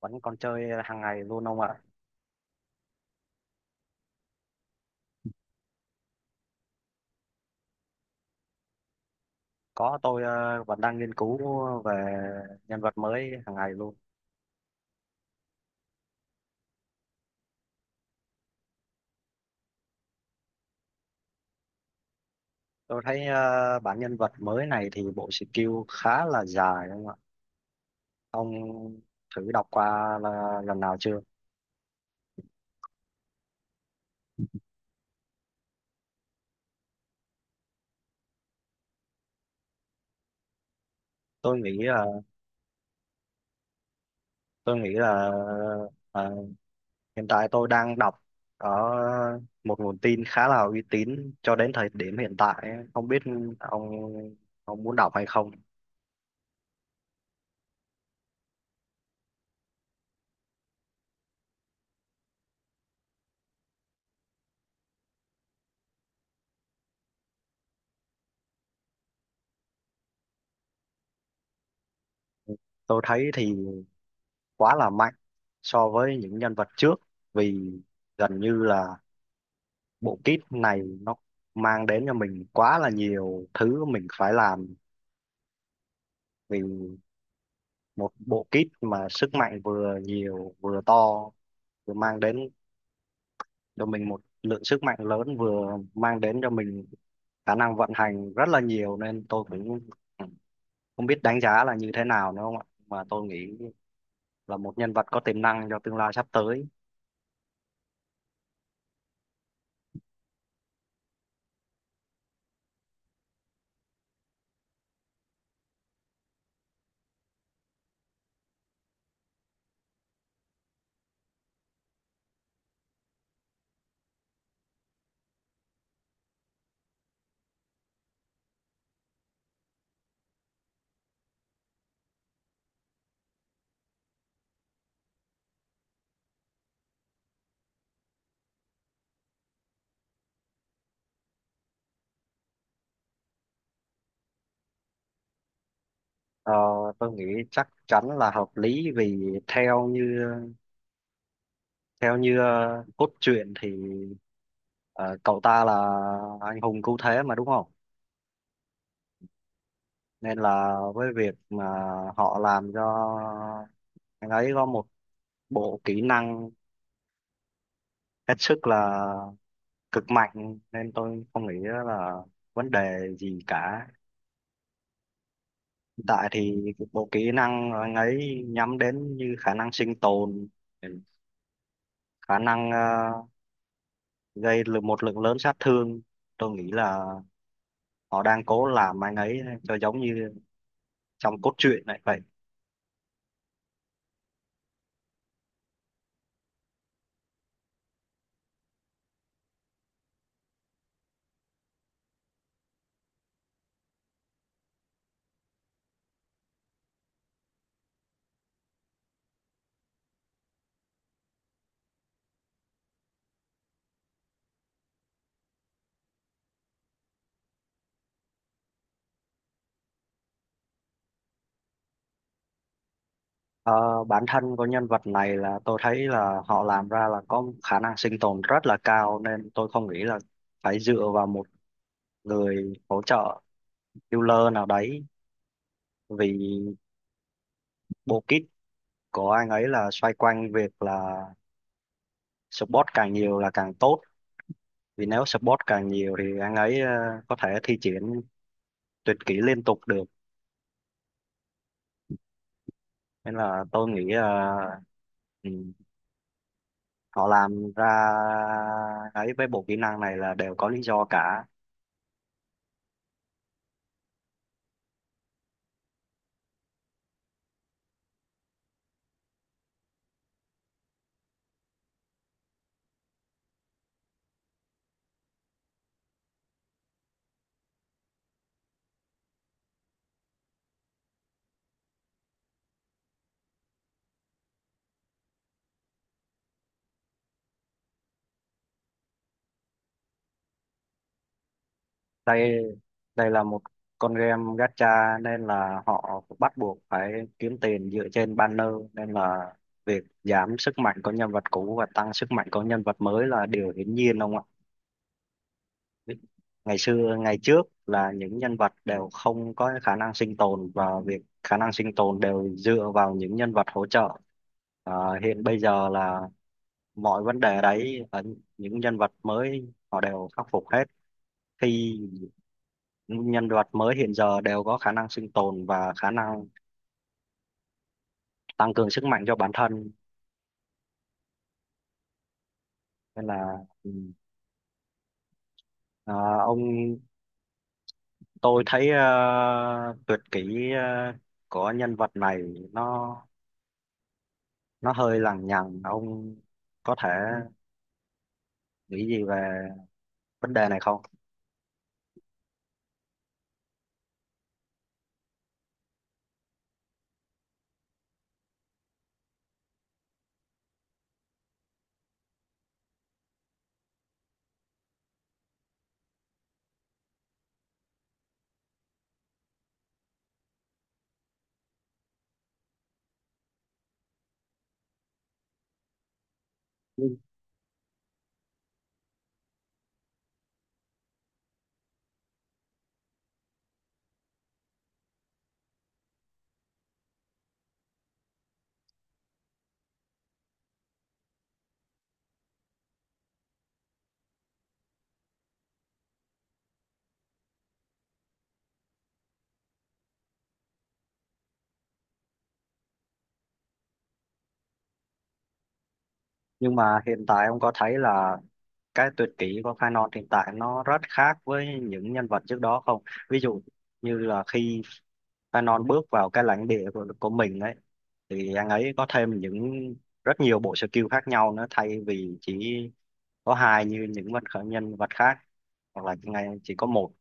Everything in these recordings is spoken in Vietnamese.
Vẫn còn chơi hàng ngày luôn ông ạ. Có, tôi vẫn đang nghiên cứu về nhân vật mới hàng ngày luôn. Tôi thấy bản nhân vật mới này thì bộ skill khá là dài không ạ? Ông thử đọc qua là lần nào chưa? Tôi nghĩ là tôi nghĩ là ờ, hiện tại tôi đang đọc ở một nguồn tin khá là uy tín cho đến thời điểm hiện tại. Không biết ông ông muốn đọc hay không. Tôi thấy thì quá là mạnh so với những nhân vật trước, vì gần như là bộ kit này nó mang đến cho mình quá là nhiều thứ mình phải làm. Vì một bộ kit mà sức mạnh vừa nhiều vừa to, vừa mang đến cho mình một lượng sức mạnh lớn, vừa mang đến cho mình khả năng vận hành rất là nhiều, nên tôi cũng không biết đánh giá là như thế nào nữa không ạ, mà tôi nghĩ là một nhân vật có tiềm năng cho tương lai sắp tới. Ờ, tôi nghĩ chắc chắn là hợp lý, vì theo như cốt truyện thì ờ, cậu ta là anh hùng cứu thế mà đúng không? Nên là với việc mà họ làm cho anh ấy có một bộ kỹ năng hết sức là cực mạnh, nên tôi không nghĩ là vấn đề gì cả. Hiện tại thì cái bộ kỹ năng anh ấy nhắm đến như khả năng sinh tồn, khả năng gây lượng một lượng lớn sát thương. Tôi nghĩ là họ đang cố làm anh ấy cho giống như trong cốt truyện này vậy. Ờ, Bản thân của nhân vật này là tôi thấy là họ làm ra là có khả năng sinh tồn rất là cao, nên tôi không nghĩ là phải dựa vào một người hỗ trợ healer nào đấy. Vì bộ kit của anh ấy là xoay quanh việc là support càng nhiều là càng tốt, vì nếu support càng nhiều thì anh ấy có thể thi triển tuyệt kỹ liên tục được. Nên là tôi nghĩ ừ. Họ làm ra ấy với bộ kỹ năng này là đều có lý do cả. Đây đây là một con game gacha, nên là họ bắt buộc phải kiếm tiền dựa trên banner, nên là việc giảm sức mạnh của nhân vật cũ và tăng sức mạnh của nhân vật mới là điều hiển nhiên ông ạ. Ngày xưa ngày trước là những nhân vật đều không có khả năng sinh tồn và việc khả năng sinh tồn đều dựa vào những nhân vật hỗ trợ. Hiện bây giờ là mọi vấn đề đấy và những nhân vật mới họ đều khắc phục hết, khi những nhân vật mới hiện giờ đều có khả năng sinh tồn và khả năng tăng cường sức mạnh cho bản thân. Nên là ừ, à, ông, tôi thấy tuyệt kỹ của nhân vật này nó nó hơi lằng nhằng. Ông có thể nghĩ gì về vấn đề này không? Nhưng mà hiện tại ông có thấy là cái tuyệt kỹ của Canon hiện tại nó rất khác với những nhân vật trước đó không? Ví dụ như là khi Canon bước vào cái lãnh địa của mình ấy thì anh ấy có thêm những rất nhiều bộ skill khác nhau nữa, thay vì chỉ có hai như những vật khởi nhân vật khác, hoặc là ngày chỉ có một.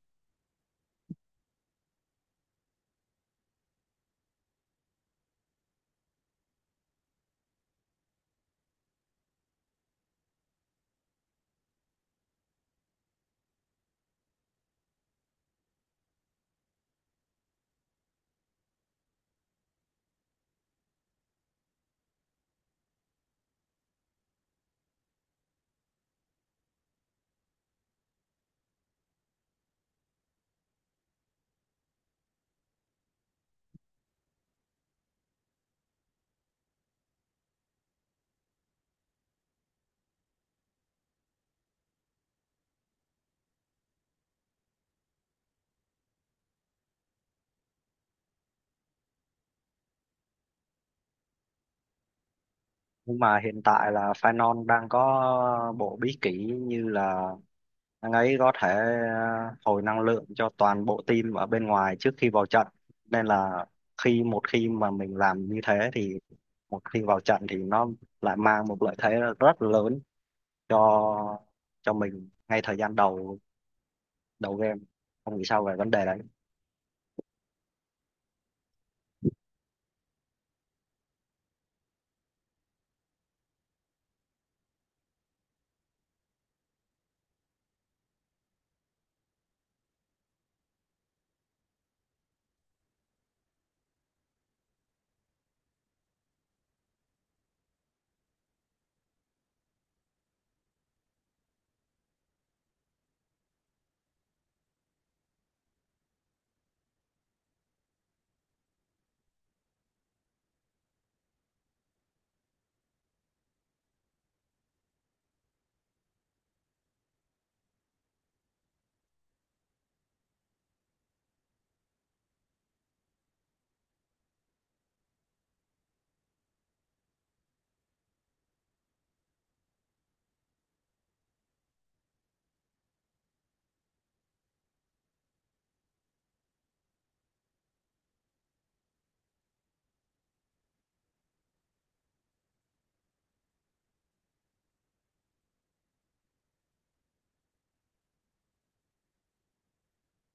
Nhưng mà hiện tại là Phanon đang có bộ bí kỷ như là anh ấy có thể hồi năng lượng cho toàn bộ team ở bên ngoài trước khi vào trận. Nên là khi một khi mà mình làm như thế thì một khi vào trận thì nó lại mang một lợi thế rất lớn cho cho mình ngay thời gian đầu đầu game, không nghĩ sao về vấn đề đấy?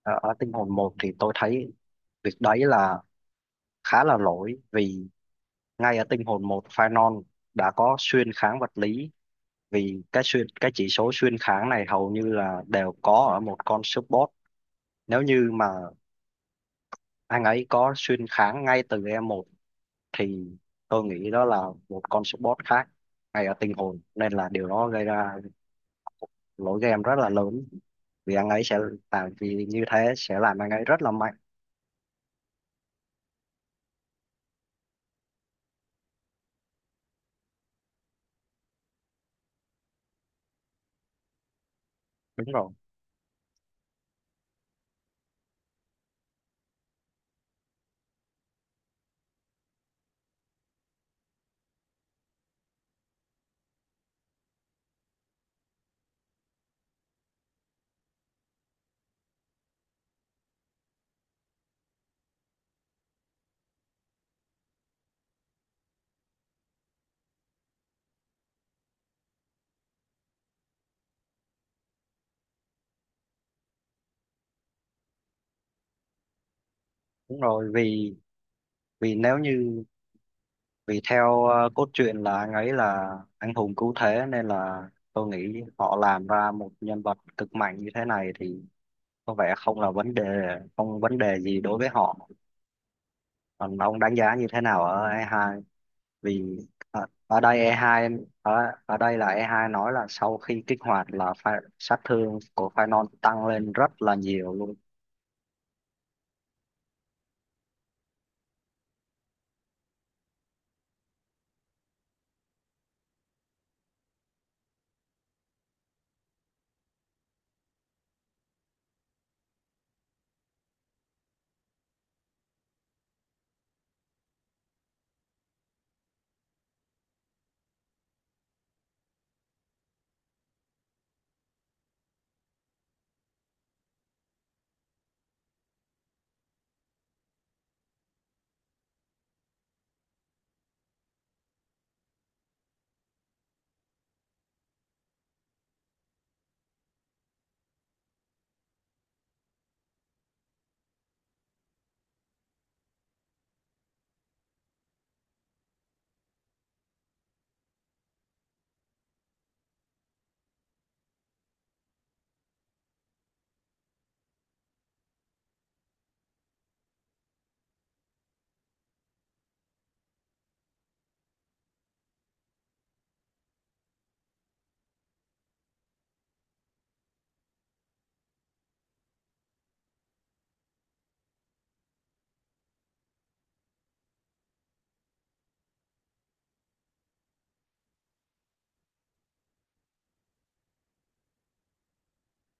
Ờ, Ở tinh hồn một thì tôi thấy việc đấy là khá là lỗi, vì ngay ở tinh hồn một Phainon đã có xuyên kháng vật lý. Vì cái chỉ số xuyên kháng này hầu như là đều có ở một con support. Nếu như mà anh ấy có xuyên kháng ngay từ e một thì tôi nghĩ đó là một con support khác ngay ở tinh hồn, nên là điều đó gây ra lỗi game rất là lớn, vì anh ấy sẽ vì như thế sẽ làm anh ấy rất là mạnh. Đúng rồi đúng rồi, vì vì nếu như vì theo cốt truyện là anh ấy là anh hùng cứu thế, nên là tôi nghĩ họ làm ra một nhân vật cực mạnh như thế này thì có vẻ không là vấn đề, không vấn đề gì đối với họ. Còn ông đánh giá như thế nào ở E2? Vì ở đây E2 ở ở đây là E2 nói là sau khi kích hoạt là sát thương của Phanon tăng lên rất là nhiều luôn.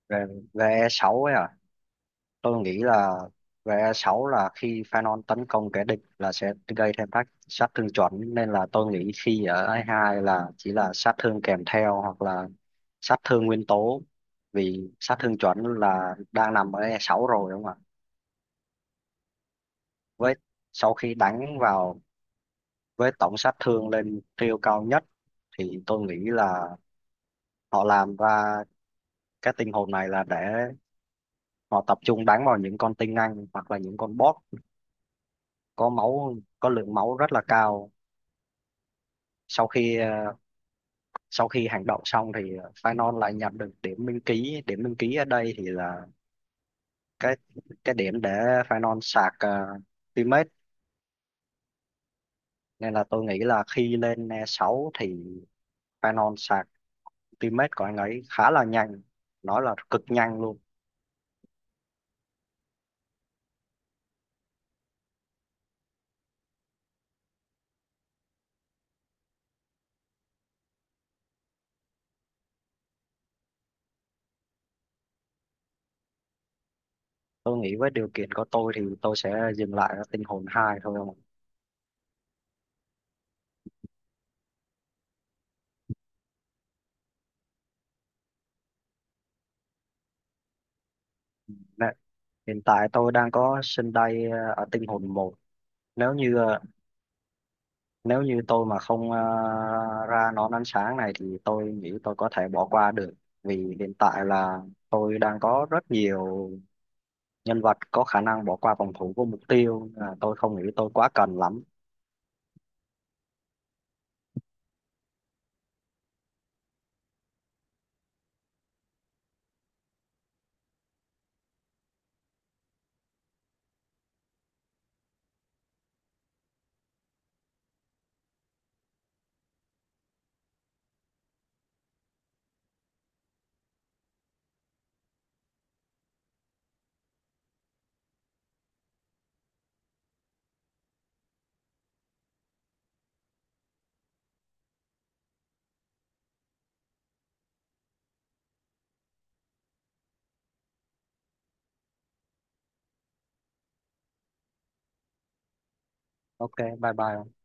Về, về E6 ấy à? Tôi nghĩ là về E6 là khi Phanon tấn công kẻ địch là sẽ gây thêm tác sát thương chuẩn, nên là tôi nghĩ khi ở E2 là chỉ là sát thương kèm theo hoặc là sát thương nguyên tố, vì sát thương chuẩn là đang nằm ở E6 rồi đúng không ạ? Với sau khi đánh vào với tổng sát thương lên tiêu cao nhất thì tôi nghĩ là họ làm ra cái tinh hồn này là để họ tập trung đánh vào những con tinh anh hoặc là những con boss có máu có lượng máu rất là cao. sau khi ờ, Sau khi hành động xong thì Phainon lại nhận được điểm minh ký. Điểm minh ký ở đây thì là cái cái điểm để Phainon sạc teammate. Nên là tôi nghĩ là khi lên e 6 thì Phainon sạc teammate của anh ấy khá là nhanh, nói là cực nhanh luôn. Tôi nghĩ với điều kiện của tôi thì tôi sẽ dừng lại ở tinh hồn 2 thôi không ạ? Nè, hiện tại tôi đang có sân đây ở tinh hồn một. nếu như ờ, Nếu như tôi mà không ra nón ánh sáng này thì tôi nghĩ tôi có thể bỏ qua được, vì hiện tại là tôi đang có rất nhiều nhân vật có khả năng bỏ qua phòng thủ của mục tiêu, tôi không nghĩ tôi quá cần lắm. Ok, bye bye.